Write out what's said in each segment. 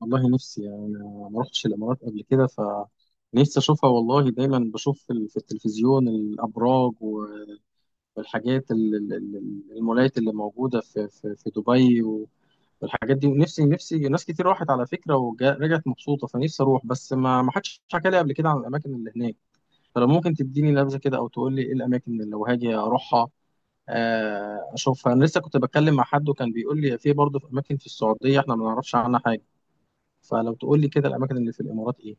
والله نفسي يعني أنا ما رحتش الإمارات قبل كده، فنفسي أشوفها. والله دايما بشوف في في التلفزيون الأبراج والحاجات المولات اللي موجودة في دبي والحاجات دي. ونفسي ناس كتير راحت على فكرة ورجعت مبسوطة، فنفسي أروح، بس ما حدش حكى لي قبل كده عن الأماكن اللي هناك. فلو ممكن تديني نبذة كده أو تقول لي إيه الأماكن اللي لو هاجي أروحها، أشوفها. أنا لسه كنت بتكلم مع حد وكان بيقول لي في، برضه في أماكن في السعودية إحنا ما نعرفش عنها حاجة. فلو تقول لي كده الاماكن اللي في الامارات ايه؟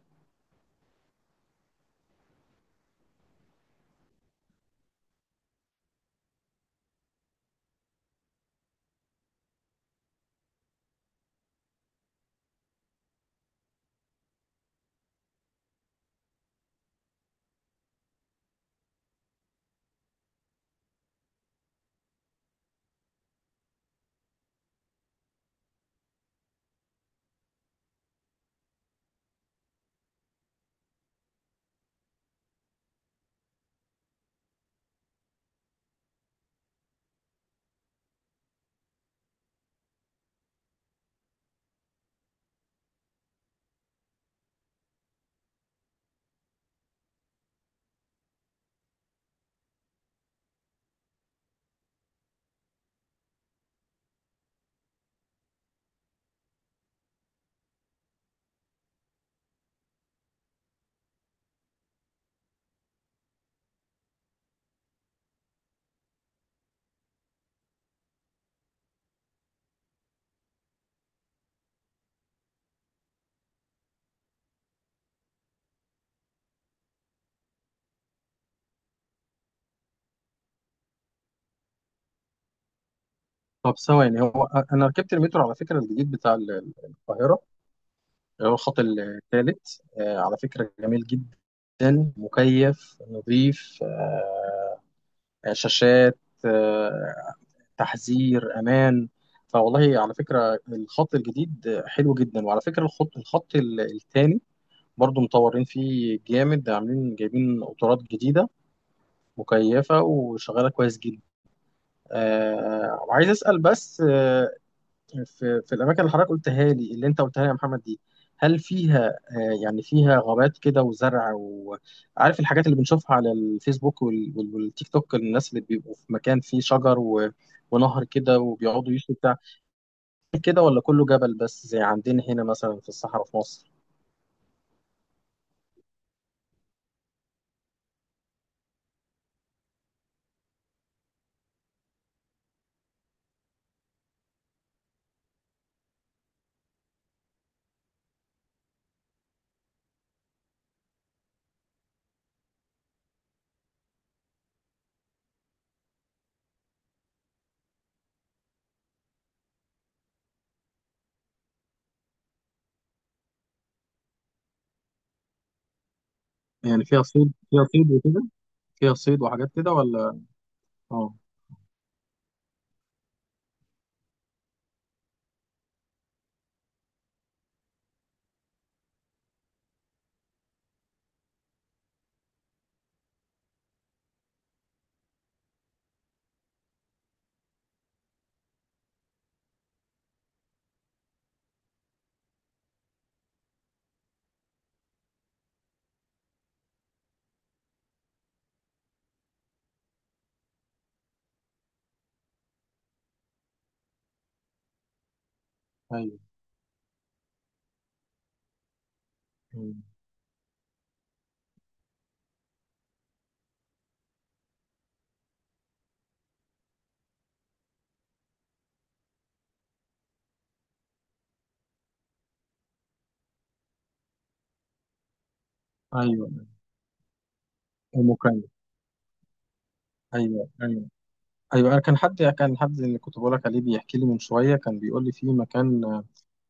طب، ثواني. هو انا ركبت المترو على فكره الجديد بتاع القاهره، اللي هو الخط الثالث. على فكره جميل جدا، مكيف، نظيف. شاشات، آه، تحذير امان. فوالله على فكره الخط الجديد حلو جدا. وعلى فكره الخط الثاني برضو مطورين فيه جامد، عاملين جايبين قطارات جديده مكيفه وشغاله كويس جدا. وعايز اسال بس، في الاماكن اللي حضرتك قلتها لي، اللي انت قلتها لي يا محمد دي، هل فيها يعني فيها غابات كده وزرع، وعارف الحاجات اللي بنشوفها على الفيسبوك والتيك توك، الناس اللي بيبقوا في مكان فيه شجر و... ونهر كده وبيقعدوا يشوا بتاع كده، ولا كله جبل بس زي عندنا هنا مثلا في الصحراء في مصر؟ يعني فيها صيد وحاجات كده ولا؟ اه. ايوه. مم. ايوه. ام اوكرانيا. ايوه، ايوه، ايوه، انا كان حد اللي كنت بقول لك عليه بيحكي لي من شويه، كان بيقول لي في مكان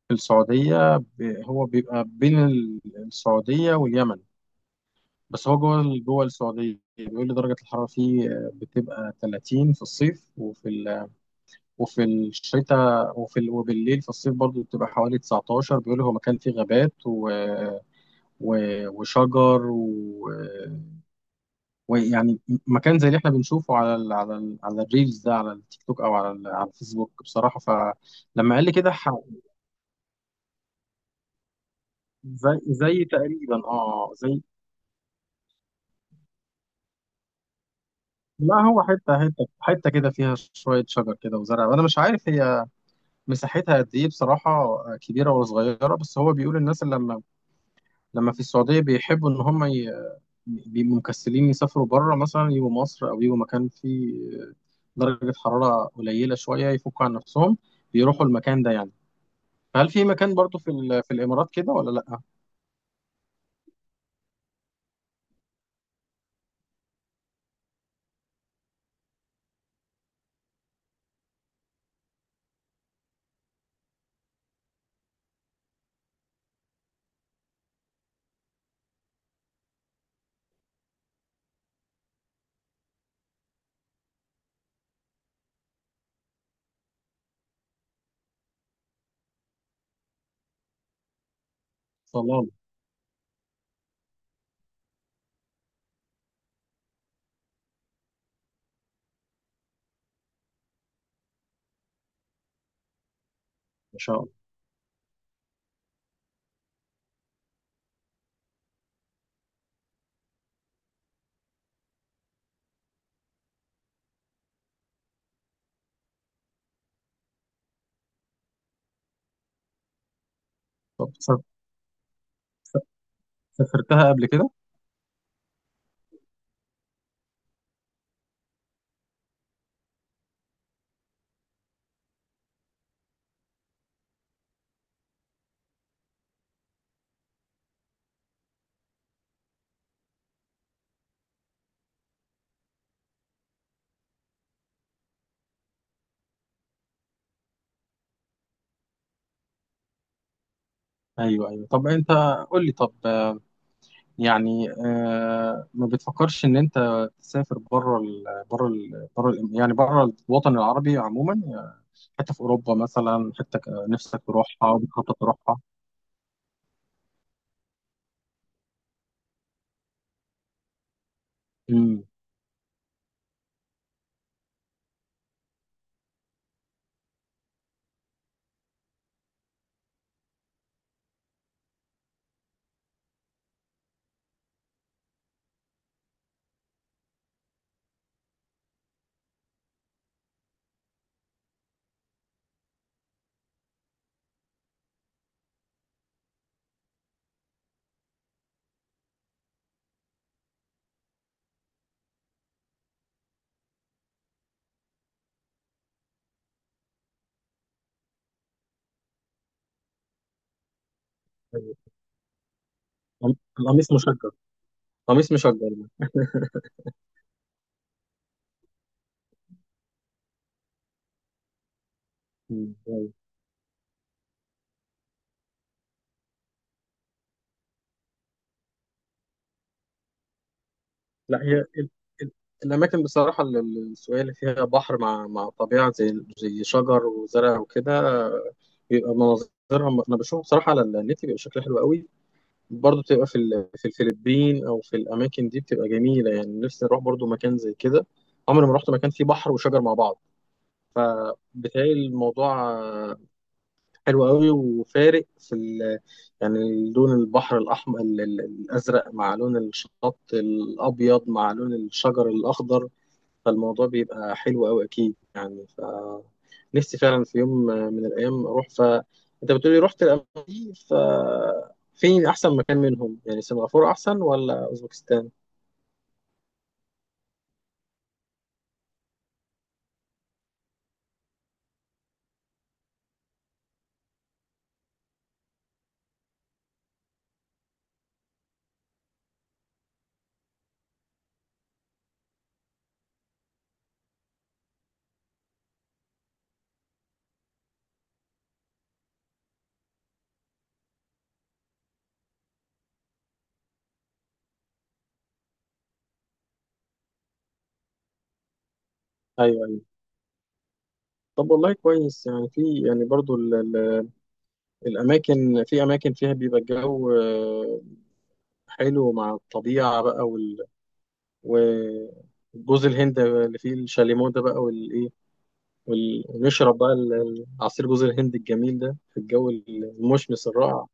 في السعودية، هو بيبقى بين السعودية واليمن، بس هو جوه جوه السعودية. بيقول لي درجة الحرارة فيه بتبقى 30 في الصيف، وفي الشتاء، وبالليل في الصيف برضه بتبقى حوالي 19. بيقول لي هو مكان فيه غابات و... وشجر ويعني مكان زي اللي احنا بنشوفه على الريلز ده، على التيك توك، او على الفيسبوك بصراحة. فلما قال لي كده زي تقريبا، اه، لا، هو حتة كده فيها شوية شجر كده وزرع. وأنا مش عارف هي مساحتها قد إيه بصراحة، كبيرة ولا صغيرة، بس هو بيقول الناس اللي لما في السعودية بيحبوا إن هم، بيبقوا مكسلين يسافروا بره، مثلا يجوا مصر أو يجوا مكان فيه درجة حرارة قليلة شوية، يفكوا عن نفسهم، بيروحوا المكان ده يعني. فهل في مكان برضو في في الإمارات كده ولا لأ؟ صلاة. ما شاء الله. طب، سافرتها قبل كده؟ أيوه، أيوه، طب أنت، قول لي. طب، يعني ما بتفكرش ان انت تسافر بره ال يعني بره الوطن العربي عموما، يعني حته في اوروبا مثلا، نفسك تروحها وبتخطط تروحها؟ امم. القميص مشجر، قميص مشجر ده. مم. أيوة. لا، هي ال- الاماكن بصراحه السوية اللي فيها بحر مع طبيعه، زي شجر وزرع وكده، آه، بيبقى مناظرها انا بشوفه بصراحه على النت، بيبقى شكلها حلو قوي. برضه بتبقى في في الفلبين او في الاماكن دي بتبقى جميله يعني. نفسي اروح برضه مكان زي كده. عمري ما رحت مكان فيه بحر وشجر مع بعض، فبتهيألي الموضوع حلو قوي، وفارق في يعني لون البحر الاحمر الازرق مع لون الشط الابيض مع لون الشجر الاخضر. فالموضوع بيبقى حلو أوي أكيد، يعني نفسي فعلا في يوم من الأيام أروح. أنت بتقولي رحت الأماكن دي، فين أحسن مكان منهم؟ يعني سنغافورة أحسن ولا أوزبكستان؟ أيوه، أيوه. طب والله كويس، يعني في، يعني برضو الأماكن، في أماكن فيها بيبقى الجو حلو مع الطبيعة بقى، و- جوز الهند اللي فيه الشاليمو ده بقى، والإيه، ونشرب بقى عصير جوز الهند الجميل ده في الجو المشمس الرائع.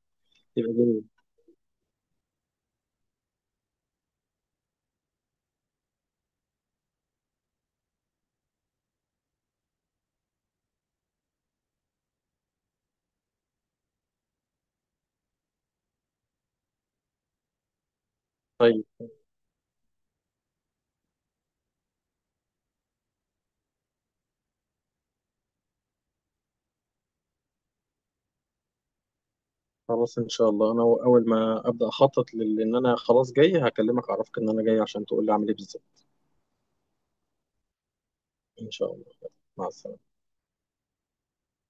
يبقى جميل. طيب، خلاص، ان شاء الله انا اول ما ابدا اخطط، لان انا خلاص جاي هكلمك اعرفك ان انا جاي عشان تقول لي اعمل ايه بالظبط. ان شاء الله. مع السلامه.